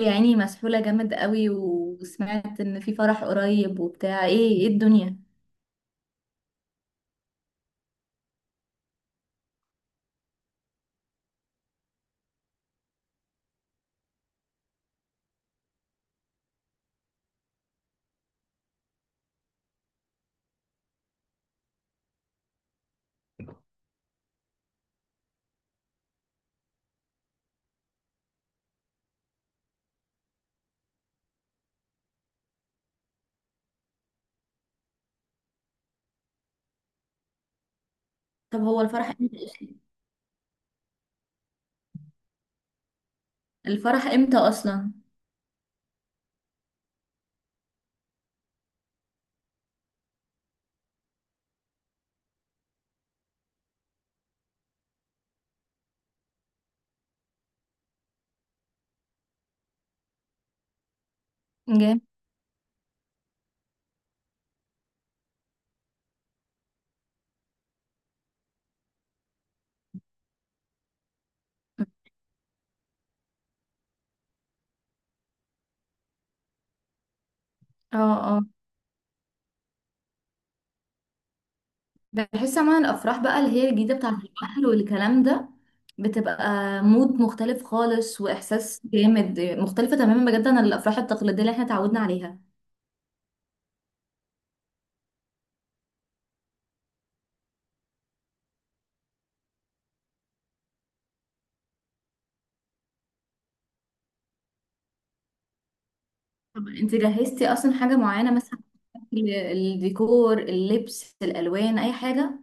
يا عيني، مسحولة جامد قوي. وسمعت ان في فرح قريب وبتاع. ايه ايه الدنيا؟ طب هو الفرح امتى اصلا؟ الفرح امتى اصلا؟ جامد. اه، اه، بحس عموما الافراح بقى اللي هي الجديدة بتاعة البحر والكلام ده بتبقى مود مختلف خالص، واحساس جامد مختلفة تماما بجد عن الافراح التقليدية اللي احنا اتعودنا عليها. طب انت جهزتي اصلا حاجة معينة مثلا؟ الديكور، اللبس، الالوان، اي حاجة؟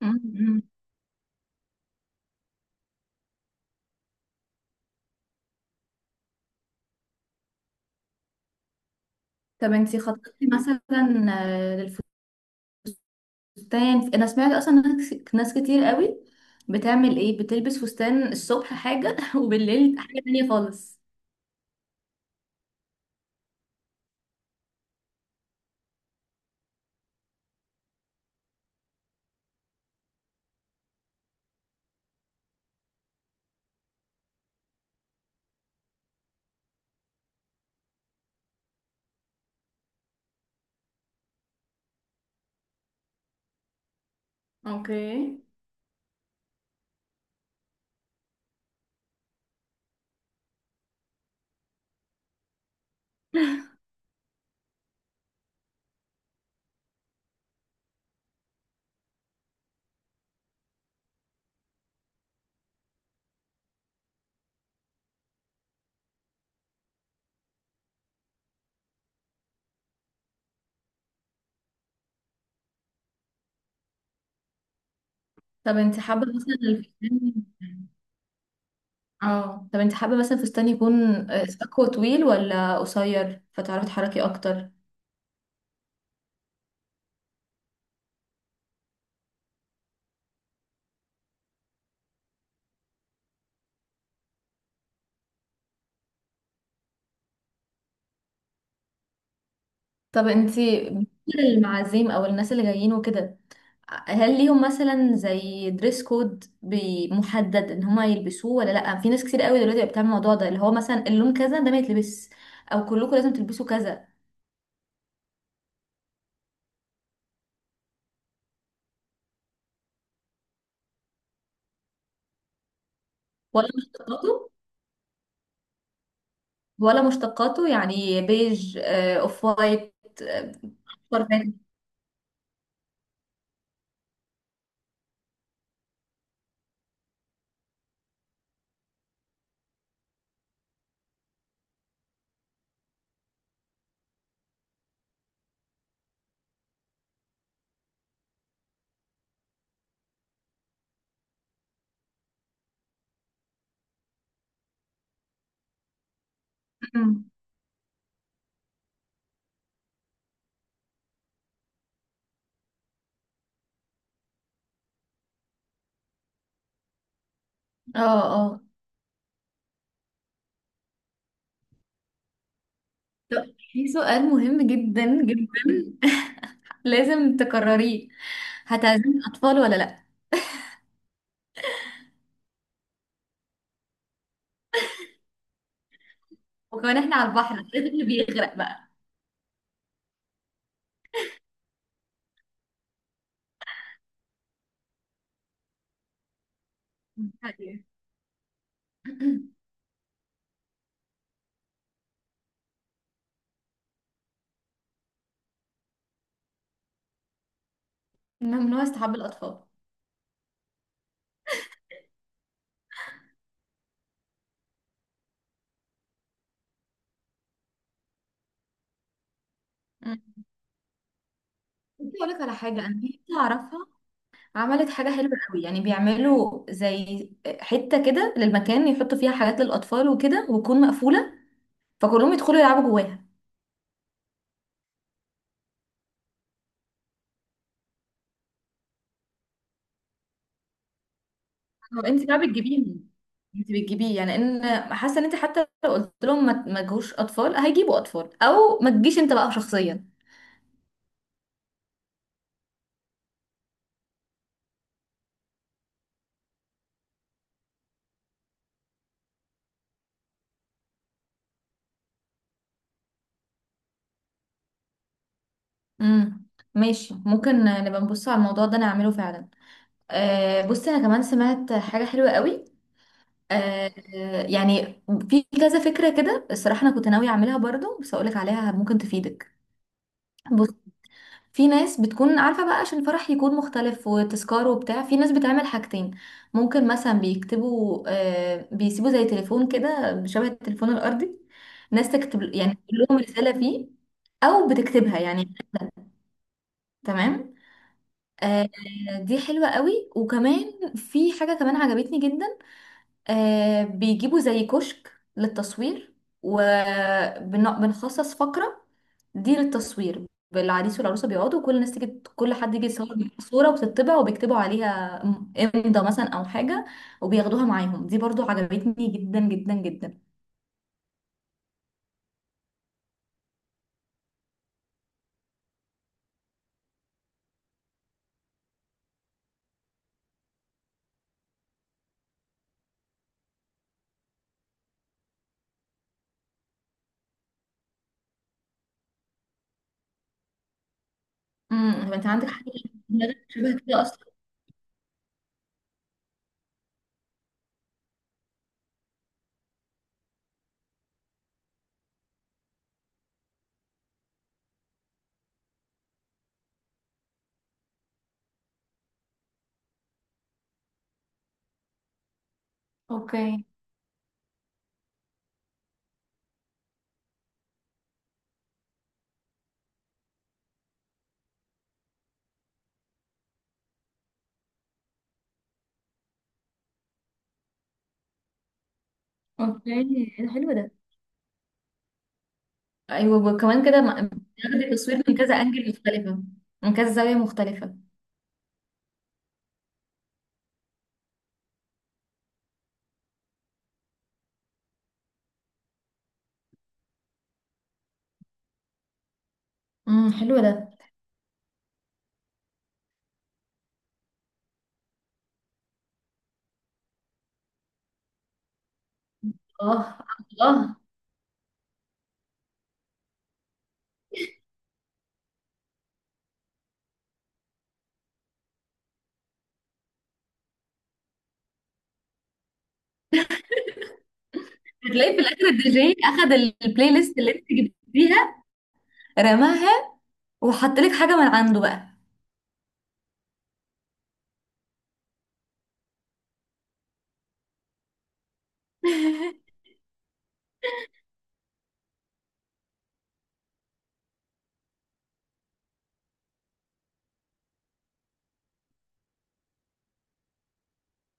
م- م. طب انت خططتي مثلا فستان؟ انا سمعت اصلا ناس كتير قوي بتعمل ايه، بتلبس فستان الصبح حاجه وبالليل حاجه تانية خالص. اوكي. طب انت حابه مثلا الفستان، اه طب انت حابه مثلا فستان يكون اكوا طويل ولا قصير فتعرفي تحركي اكتر؟ طب انت بالنسبة للمعازيم او الناس اللي جايين وكده، هل ليهم مثلا زي دريس كود محدد ان هما يلبسوه ولا لا؟ في ناس كتير قوي دلوقتي بقت بتعمل الموضوع ده، اللي هو مثلا اللون كذا ده ما يتلبس، او كلكم لازم تلبسوا كذا. ولا مشتقاته؟ ولا مشتقاته، يعني بيج، اوف وايت، آه، اصفر فاتح. أمم. اه، اه، طب في سؤال مهم جدا جدا لازم تكرريه. هتعزمي الاطفال ولا لا؟ وكمان احنا على البحر، الطفل بيغرق بقى. ممنوع استحب الاطفال. مم. بصي اقول لك على حاجه، انا في حته اعرفها عملت حاجه حلوه قوي. يعني بيعملوا زي حته كده للمكان، يحطوا فيها حاجات للاطفال وكده، وتكون مقفوله، فكلهم يدخلوا يلعبوا جواها. هو انت بقى بتجيبيهم؟ انت بتجيبيه يعني؟ ان حاسه ان انت حتى لو قلت لهم ما تجيبوش اطفال، هيجيبوا اطفال. او ما تجيش انت بقى شخصيا. امم، ماشي. ممكن نبقى نبص على الموضوع ده نعمله فعلا. أه بصي، انا كمان سمعت حاجه حلوه قوي. آه يعني في كذا فكرة كده الصراحة. أنا كنت ناوية أعملها برضو، بس أقولك عليها ممكن تفيدك. بص، في ناس بتكون عارفة بقى عشان الفرح يكون مختلف وتذكار وبتاع. في ناس بتعمل حاجتين، ممكن مثلا بيكتبوا، آه بيسيبوا زي تليفون كده شبه التليفون الأرضي، ناس تكتب يعني، تقول لهم رسالة فيه، أو بتكتبها يعني. تمام. آه، دي حلوة قوي. وكمان في حاجة كمان عجبتني جدا، آه بيجيبوا زي كشك للتصوير وبنخصص فقرة دي للتصوير. العريس والعروسة بيقعدوا وكل الناس تيجي، كل حد يجي يصور بيها صورة وبتطبع وبيكتبوا عليها امضى مثلا أو حاجة، وبياخدوها معاهم. دي برضو عجبتني جدا جدا جدا. امم، انت عندك حاجة في دماغك شبه كده أصلا؟ اوكي. اوكي، ده حلو ده. ايوه، وكمان كده بتاخدي تصوير من كذا انجل مختلفة، من كذا زاوية مختلفة. امم، حلو ده. اه. الله. بتلاقي في الاخر الدي جي اخد البلاي ليست اللي انت جبتيها، رماها، وحط لك حاجه من عنده بقى.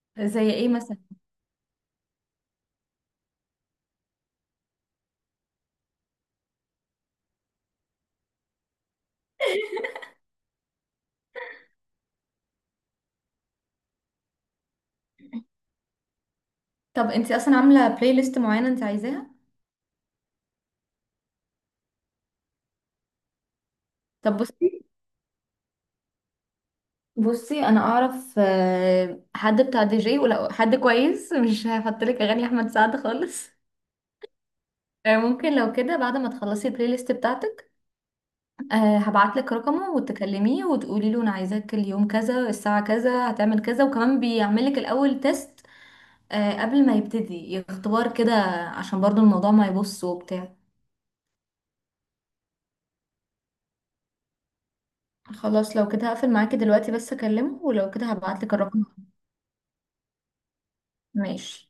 زي ايه مثلا؟ طب انت اصلا عامله بلاي ليست معينه انت عايزاها؟ طب بصي، انا اعرف حد بتاع دي جي، ولو حد كويس مش هحط لك اغاني احمد سعد خالص. ممكن لو كده بعد ما تخلصي البلاي ليست بتاعتك، هبعت لك رقمه وتكلميه وتقولي له انا عايزاك اليوم كذا الساعه كذا هتعمل كذا، وكمان بيعمل لك الاول تيست، قبل ما يبتدي، اختبار كده، عشان برضو الموضوع ما يبص وبتاع. خلاص لو كده هقفل معاكي دلوقتي، بس اكلمه ولو كده هبعتلك الرقم. ماشي.